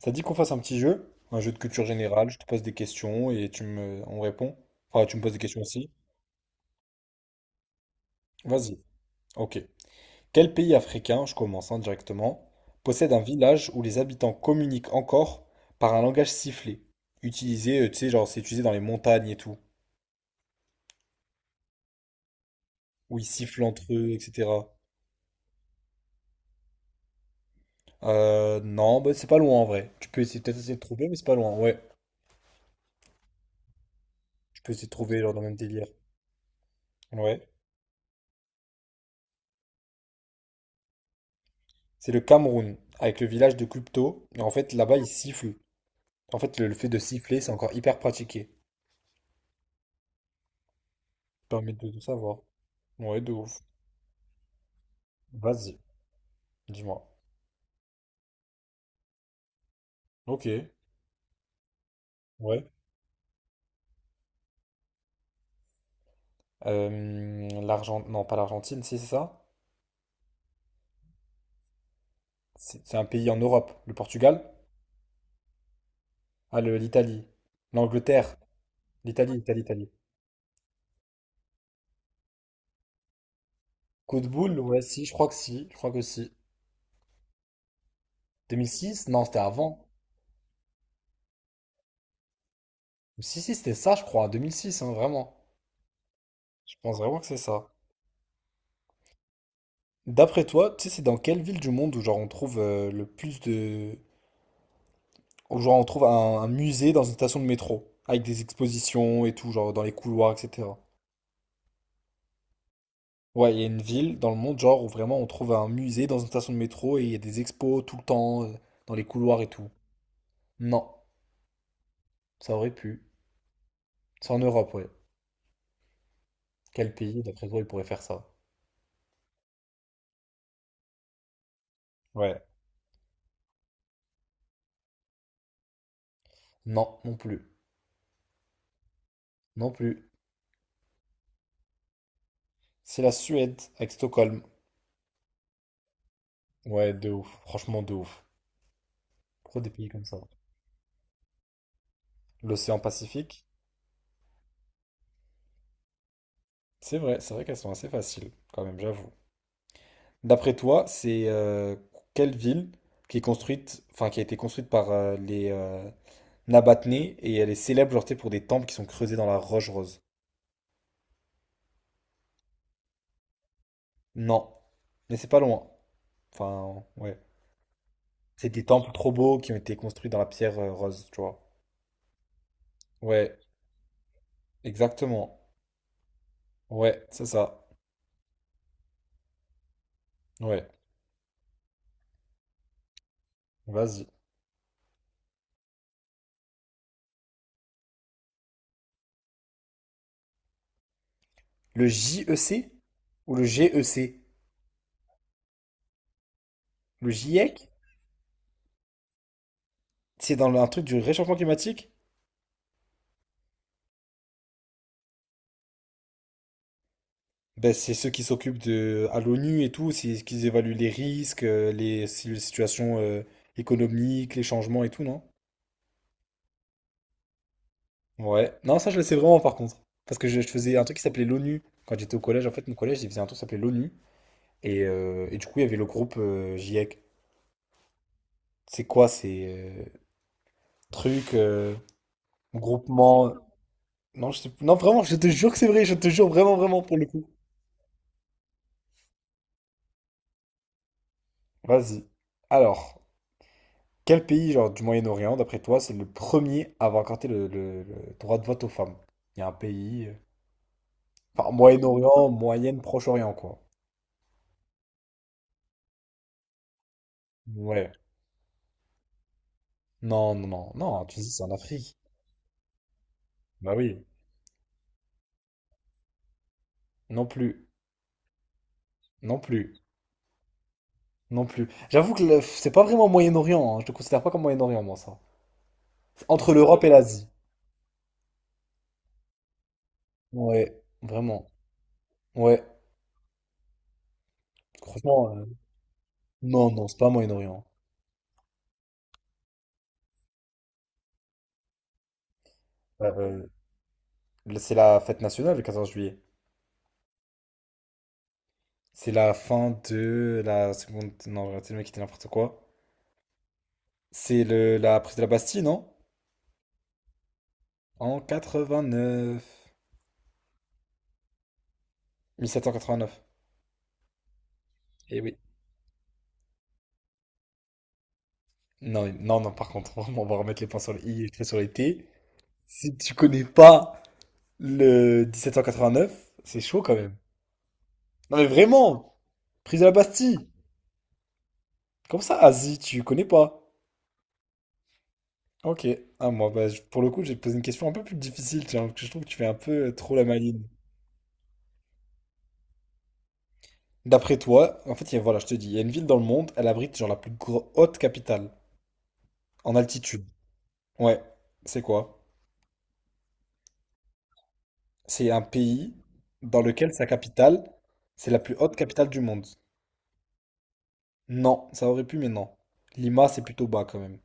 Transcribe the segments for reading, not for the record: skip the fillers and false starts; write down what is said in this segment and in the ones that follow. Ça dit qu'on fasse un petit jeu, un jeu de culture générale, je te pose des questions et tu me on répond. Enfin, tu me poses des questions aussi. Vas-y. Ok. Quel pays africain, je commence hein, directement, possède un village où les habitants communiquent encore par un langage sifflé, utilisé, tu sais, genre c'est utilisé dans les montagnes et tout, où ils sifflent entre eux, etc. Non, bah, c'est pas loin en vrai. Tu peux essayer peut-être essayer de trouver, mais c'est pas loin. Ouais, tu peux essayer de trouver genre dans le même délire. Ouais. C'est le Cameroun, avec le village de Kupto. Et en fait, là-bas, ils sifflent. En fait, le fait de siffler, c'est encore hyper pratiqué. Ça permet de savoir. Ouais, de ouf. Vas-y, dis-moi. Ok, ouais. Non, pas l'Argentine, si c'est ça. C'est un pays en Europe. Le Portugal? Ah, l'Italie. L'Angleterre. L'Italie, l'Italie, l'Italie. Coup de boule, ouais, si, je crois que si. Je crois que si. 2006? Non, c'était avant. Si, si, c'était ça, je crois. 2006, hein, vraiment. Je pense vraiment que c'est ça. D'après toi, tu sais, c'est dans quelle ville du monde où genre on trouve le plus de. Ou genre on trouve un musée dans une station de métro, avec des expositions et tout, genre dans les couloirs, etc. Ouais, il y a une ville dans le monde, genre, où vraiment on trouve un musée dans une station de métro et il y a des expos tout le temps, dans les couloirs et tout. Non, ça aurait pu. C'est en Europe, ouais. Quel pays, d'après toi, il pourrait faire ça? Ouais. Non, non plus. Non plus. C'est la Suède, avec Stockholm. Ouais, de ouf. Franchement, de ouf. Pourquoi des pays comme ça? L'océan Pacifique? C'est vrai qu'elles sont assez faciles, quand même, j'avoue. D'après toi, c'est quelle ville qui est construite, enfin qui a été construite par les Nabatnés et elle est célèbre genre, tu sais, pour des temples qui sont creusés dans la roche rose? Non, mais c'est pas loin. Enfin, ouais. C'est des temples trop beaux qui ont été construits dans la pierre rose, tu vois. Ouais, exactement. Ouais, c'est ça. Ouais, vas-y. Le JEC ou le GEC? Le GIEC? C'est un truc du réchauffement climatique? Ben, c'est ceux qui s'occupent de à l'ONU et tout, c'est ce qu'ils évaluent les risques, les, si- les situations économiques, les changements et tout, non? Ouais. Non, ça je le sais vraiment par contre. Parce que je faisais un truc qui s'appelait l'ONU. Quand j'étais au collège, en fait, mon collège, il faisait un truc qui s'appelait l'ONU. Et du coup, il y avait le groupe GIEC. C'est quoi ces trucs, groupement? Non, non, vraiment, je te jure que c'est vrai, je te jure vraiment, vraiment pour le coup. Vas-y. Alors. Quel pays, genre, du Moyen-Orient, d'après toi, c'est le premier à avoir accordé le droit de vote aux femmes? Il y a un pays, enfin, Moyen-Orient, Moyenne, Proche-Orient, quoi. Ouais. Non, non, non. Non, tu dis c'est en Afrique. Bah oui. Non plus. Non plus. Non plus. J'avoue que c'est pas vraiment Moyen-Orient, hein. Je te considère pas comme Moyen-Orient, moi, ça. C'est entre l'Europe et l'Asie. Ouais, vraiment. Ouais. Franchement, non, non, c'est pas Moyen-Orient. Euh, c'est la fête nationale, le 14 juillet. C'est la fin de la seconde. Non, j'ai raté le mec qui était n'importe quoi. C'est la prise de la Bastille, non? En 89. 1789. Eh oui. Non, non, non, par contre, on va remettre les points sur le i et les traits sur les t. Si tu connais pas le 1789, c'est chaud quand même. Non, mais vraiment! Prise de la Bastille! Comme ça, Asie, tu connais pas? Ok. Ah, moi, bah, pour le coup, j'ai posé une question un peu plus difficile, tiens, parce que je trouve que tu fais un peu trop la maline. D'après toi, en fait, voilà, je te dis, il y a une ville dans le monde, elle abrite genre la plus haute capitale en altitude. Ouais, c'est quoi? C'est un pays dans lequel sa capitale, c'est la plus haute capitale du monde. Non, ça aurait pu, mais non. Lima, c'est plutôt bas quand même.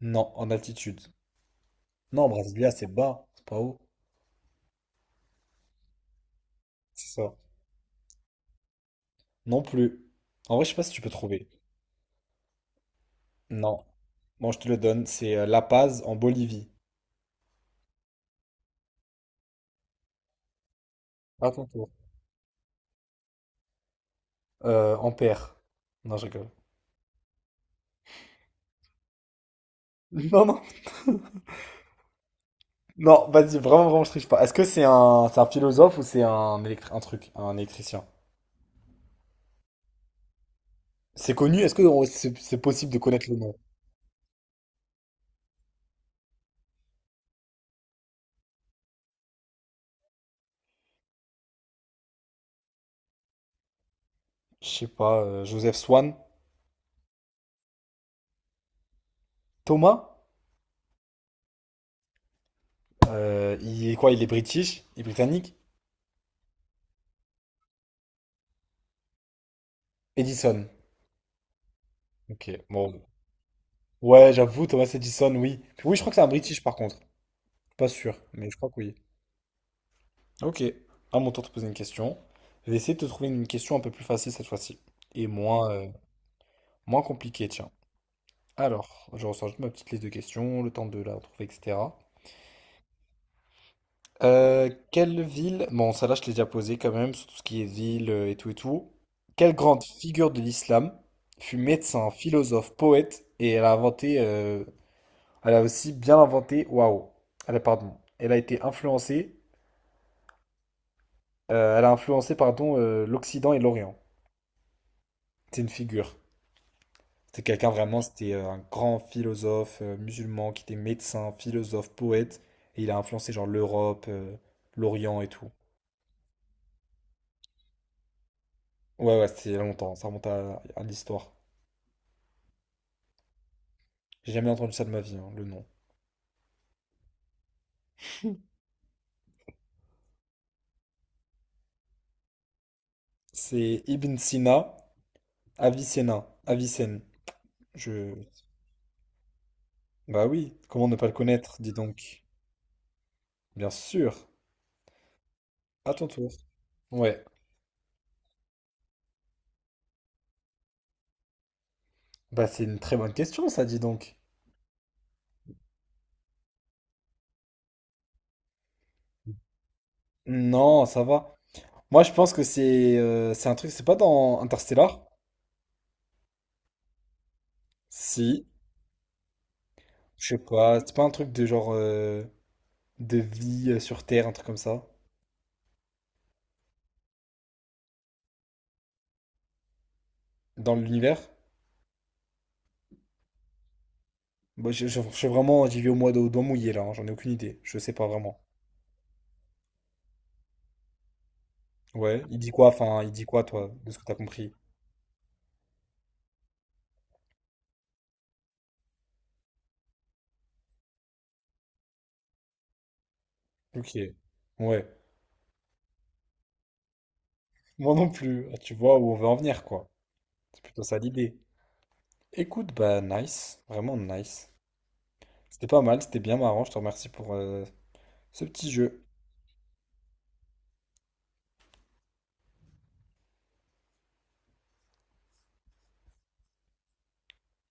Non, en altitude. Non, Brasilia, c'est bas, c'est pas haut. C'est ça. Non plus. En vrai, je sais pas si tu peux trouver. Non. Bon, je te le donne, c'est La Paz en Bolivie. À ton tour. En paire. Non, je rigole. Non, non. Non, vas-y, vraiment, vraiment, je triche pas. Est-ce que c'est un philosophe ou c'est un truc, un électricien? C'est connu? Est-ce que c'est possible de connaître le nom? Je sais pas, Joseph Swan? Thomas? Il est quoi? Il est british? Il est britannique? Edison. Ok, bon. Ouais, j'avoue, Thomas Edison, oui. Oui, je crois que c'est un british par contre. Pas sûr, mais je crois que oui. Ok, à mon tour de te poser une question. Je vais essayer de te trouver une question un peu plus facile cette fois-ci. Et moins compliquée, tiens. Alors, je ressors juste ma petite liste de questions, le temps de la retrouver, etc. Quelle ville, bon, ça là je l'ai déjà posé quand même, sur tout ce qui est ville et tout et tout. Quelle grande figure de l'islam fut médecin, philosophe, poète et elle a inventé, elle a aussi bien inventé, waouh, elle a, pardon, elle a été influencée, elle a influencé, pardon, l'Occident et l'Orient. C'est une figure. C'était quelqu'un vraiment, c'était un grand philosophe musulman qui était médecin, philosophe, poète, et il a influencé genre l'Europe, l'Orient et tout. Ouais, ouais, c'était il y a longtemps, ça remonte à l'histoire. J'ai jamais entendu ça de ma vie, hein, le nom. C'est Ibn Sina, Avicenna, Avicenne. Je. Bah oui, comment ne pas le connaître, dis donc. Bien sûr, à ton tour. Ouais, bah c'est une très bonne question, ça, dis donc. Non, ça va. Moi, je pense que c'est un truc, c'est pas dans Interstellar? Si. Je sais pas, c'est pas un truc de genre de vie sur Terre, un truc comme ça, dans l'univers? Bah, vraiment, j'y vais au mois d'eau doigt mouillé là, hein, j'en ai aucune idée, je sais pas vraiment. Ouais, il dit quoi, enfin, il dit quoi toi, de ce que t'as compris? Ok, ouais, moi non plus, ah, tu vois où on veut en venir quoi, c'est plutôt ça l'idée. Écoute, bah nice, vraiment nice. C'était pas mal, c'était bien marrant, je te remercie pour ce petit jeu.